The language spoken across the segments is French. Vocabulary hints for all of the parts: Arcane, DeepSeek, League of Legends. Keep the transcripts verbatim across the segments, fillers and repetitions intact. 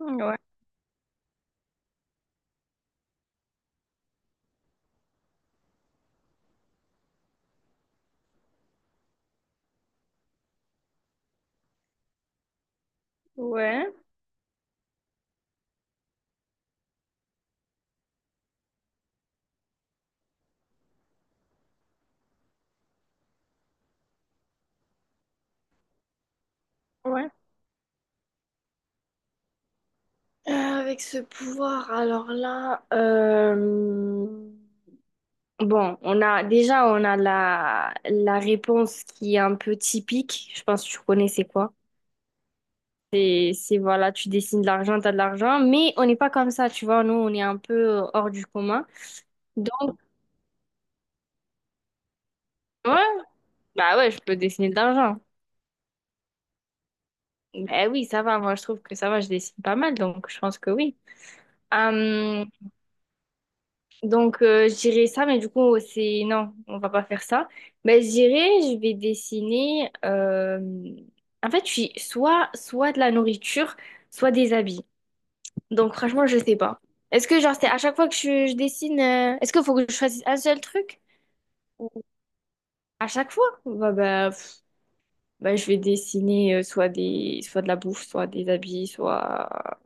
Ouais, ouais, ouais. Euh, avec ce pouvoir, alors là, euh, bon, on a déjà on a la, la réponse qui est un peu typique. Je pense que tu connais c'est quoi. C'est c'est, voilà, tu dessines de l'argent, t'as de l'argent, mais on n'est pas comme ça, tu vois. Nous, on est un peu euh, hors du commun. Donc, ouais, bah ouais, je peux dessiner de l'argent. Eh oui, ça va. Moi, je trouve que ça va. Je dessine pas mal, donc je pense que oui. Euh, Donc, euh, je dirais ça, mais du coup, c'est... Non, on va pas faire ça. Ben je dirais, je vais dessiner... euh, En fait, je suis soit, soit de la nourriture, soit des habits. Donc, franchement, je sais pas. Est-ce que, genre, c'est à chaque fois que je, je dessine... euh, Est-ce qu'il faut que je choisisse un seul truc? Ou à chaque fois? Bah, bah, pff, bah, je vais dessiner euh, soit des... soit de la bouffe, soit des habits, soit...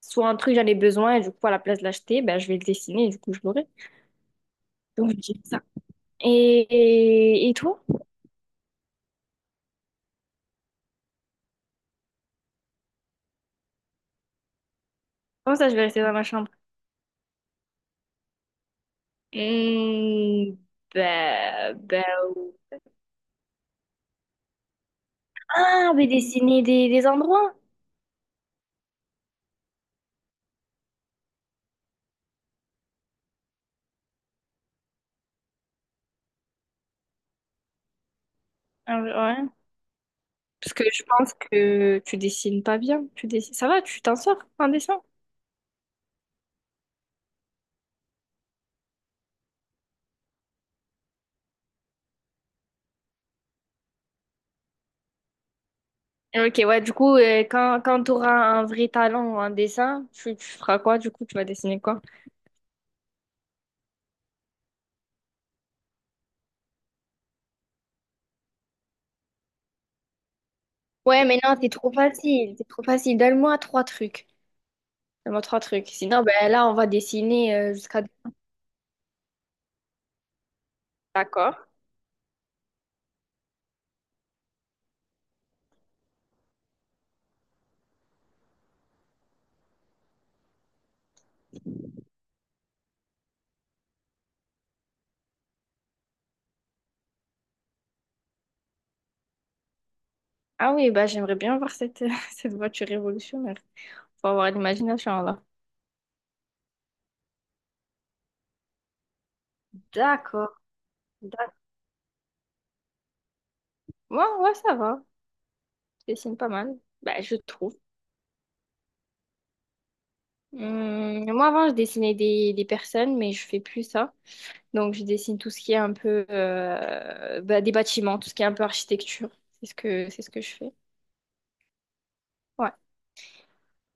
Soit un truc, j'en ai besoin, et du coup, à la place de l'acheter, ben je vais le dessiner, et du coup, je l'aurai. Donc, je dirais ça. Et, et, et toi? Comment ça, je vais rester dans ma chambre? Mmh, bah, bah, ou- Ah, mais dessiner des, des endroits. Ah, ouais. Parce que je pense que tu dessines pas bien. Tu dessines... Ça va, tu t'en sors en dessin? Ok, ouais, du coup, euh, quand, quand tu auras un vrai talent en dessin, tu, tu feras quoi? Du coup, tu vas dessiner quoi? Ouais, mais non, c'est trop facile. C'est trop facile. Donne-moi trois trucs. Donne-moi trois trucs. Sinon, ben là, on va dessiner euh, jusqu'à... D'accord. Ah oui, bah, j'aimerais bien voir cette, cette voiture révolutionnaire. Faut avoir l'imagination là. D'accord, d'accord. Moi, ouais, ça va. Je dessine pas mal. Bah, je trouve. Hum, moi, avant, je dessinais des, des personnes, mais je fais plus ça. Donc, je dessine tout ce qui est un peu euh, bah, des bâtiments, tout ce qui est un peu architecture. C'est ce que, c'est ce que je fais. Ouais.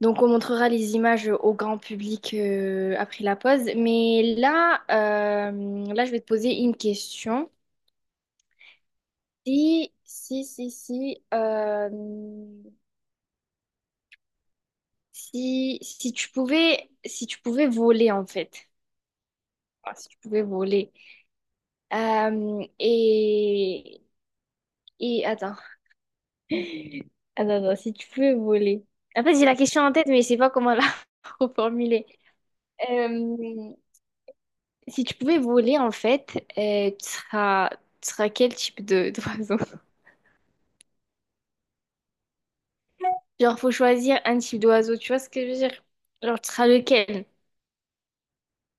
Donc, on montrera les images au grand public euh, après la pause. Mais là, euh, là, je vais te poser une question. Si, si, si, si. euh, Si, si tu pouvais, si tu pouvais voler, en fait. Ah, si tu pouvais voler. Euh, et, et attends. Attends, attends, si tu pouvais voler. En fait, j'ai la question en tête, mais je sais pas comment la reformuler. Euh, si tu pouvais voler, en fait, euh, tu seras, tu seras quel type de d'oiseau? Genre, faut choisir un type d'oiseau, tu vois ce que je veux dire? Genre, tu seras lequel?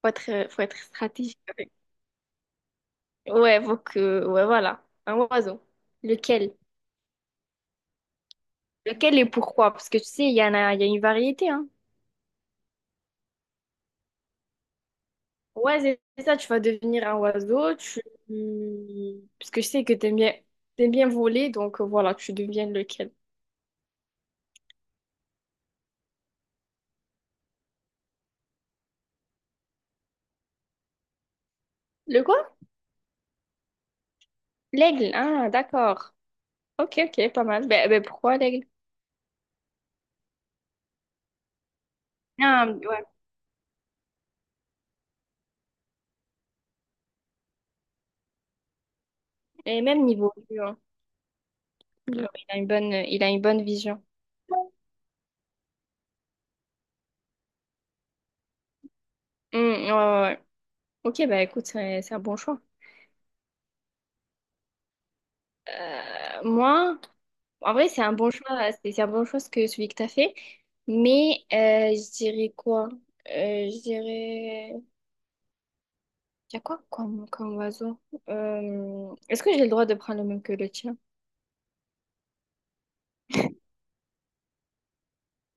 Faut être, faut être stratégique. Avec. Ouais, faut que... Ouais, voilà. Un oiseau. Lequel? Lequel et pourquoi? Parce que tu sais, il y en a, il y a une variété, hein. Ouais, c'est c'est ça, tu vas devenir un oiseau, tu... Parce que je sais que t'aimes bien, t'aimes bien voler, donc euh, voilà, tu deviens lequel? Le quoi? L'aigle, ah, d'accord. Ok, ok, pas mal. Ben, ben, pourquoi l'aigle? Ah, ouais. Et même niveau vue, hein. Il a une bonne, il a une bonne vision. Hmm, ouais, ouais, ouais. Ok, bah écoute, c'est c'est un bon choix. Euh, moi, en vrai, c'est un bon choix, euh, c'est c'est un bon choix ce que celui que t'as fait. Mais euh, je dirais quoi? Euh, je dirais. Il y a quoi comme, comme oiseau? Euh, Est-ce que j'ai le droit de prendre le même que le tien?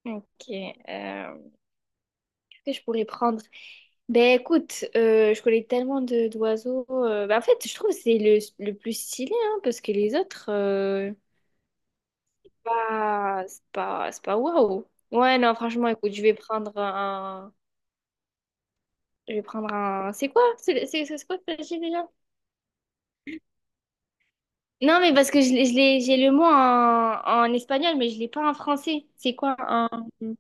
Ok. euh, Qu'est-ce que je pourrais prendre? Ben écoute, euh, je connais tellement de d'oiseaux. Euh, ben, en fait, je trouve que c'est le, le plus stylé, hein, parce que les autres, euh, pas- c'est pas, c'est pas waouh. Ouais, non, franchement, écoute, je vais prendre un. Je vais prendre un. C'est quoi? C'est c'est- c'est quoi que t'as dit déjà? Non, mais parce que je, l'ai- je l'ai- j'ai le mot en, en espagnol, mais je l'ai pas en français. C'est quoi un. Hmm.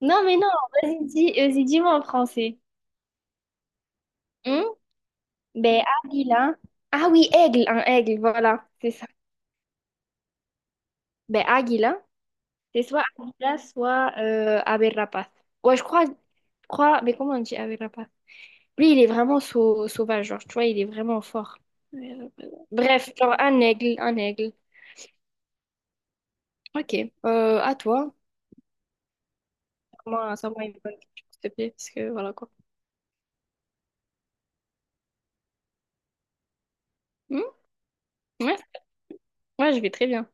Non, mais non, vas-y, dis, vas-y, dis-moi en français. Hmm. Ben, Aguila. Ah oui, aigle, un aigle, voilà, c'est ça. Ben, Aguila. C'est soit Aguila soit euh, ave rapaz. Ouais, je crois, je crois, mais comment on dit ave rapaz? Lui, il est vraiment sau- sauvage, genre, tu vois, il est vraiment fort. Bref, genre, un aigle, un aigle. Ok. Euh, à toi. Moi, ça m'a une bonne question, s'il te plaît, parce que voilà quoi. Hmm. Ouais, ouais, je vais très bien.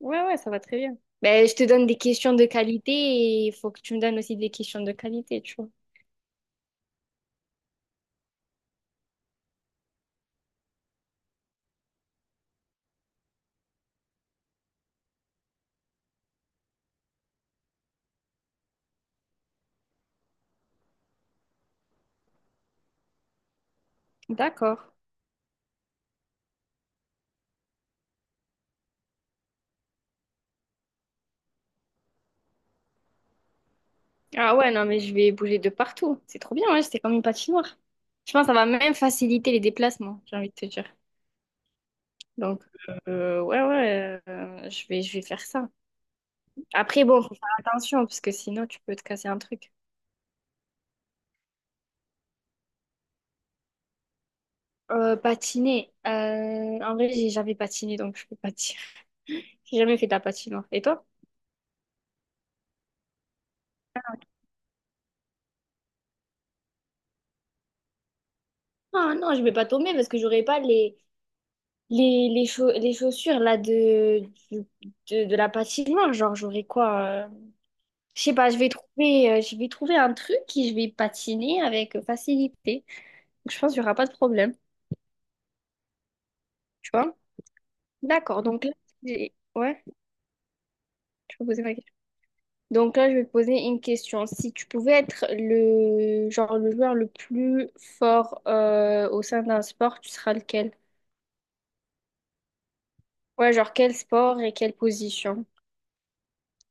Ouais, ouais, ça va très bien. Ben, je te donne des questions de qualité et il faut que tu me donnes aussi des questions de qualité, tu vois. D'accord. Ah ouais, non, mais je vais bouger de partout. C'est trop bien, ouais, c'est comme une patinoire. Je pense que ça va même faciliter les déplacements, j'ai envie de te dire. Donc, euh, ouais, ouais, euh, je vais, je vais faire ça. Après, bon, faut faire attention, parce que sinon, tu peux te casser un truc. Euh, patiner. Euh, en vrai, j'ai jamais patiné, donc je peux pas te dire. J'ai jamais fait de la patinoire. Et toi? Ah non, je vais pas tomber parce que j'aurai pas les, les, les, chau- les chaussures là de, du- de, de la patinoire. Genre, j'aurai quoi? euh, Je sais pas, je vais trouver, euh, je vais trouver un truc et je vais patiner avec facilité. Donc, je pense qu'il y aura pas de problème. Tu vois? D'accord, donc là, j'ai- ouais, tu peux poser ma Donc là, je vais te poser une question. Si tu pouvais être le genre le joueur le plus fort euh, au sein d'un sport, tu seras lequel? Ouais, genre quel sport et quelle position?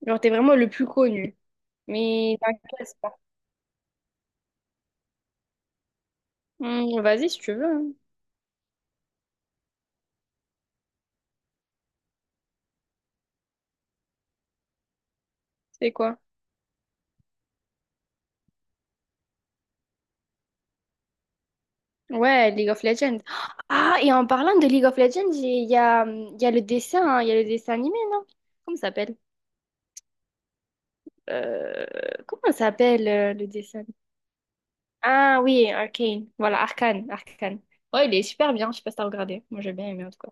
Genre t'es vraiment le plus connu. Mais dans quel sport? Hmm, vas-y si tu veux, hein. C'est quoi? Ouais, League of Legends. Ah, et en parlant de League of Legends, j'ai- il y a, hum, il y a le dessin, hein, il y a le dessin animé, non? Comment ça s'appelle? Euh, Comment ça s'appelle euh, le dessin? Ah oui, Arcane. Voilà, Arcane, Arcane. Ouais, il est super bien, je sais pas si t'as regardé. Moi, j'ai bien aimé en tout cas.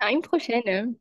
À une prochaine.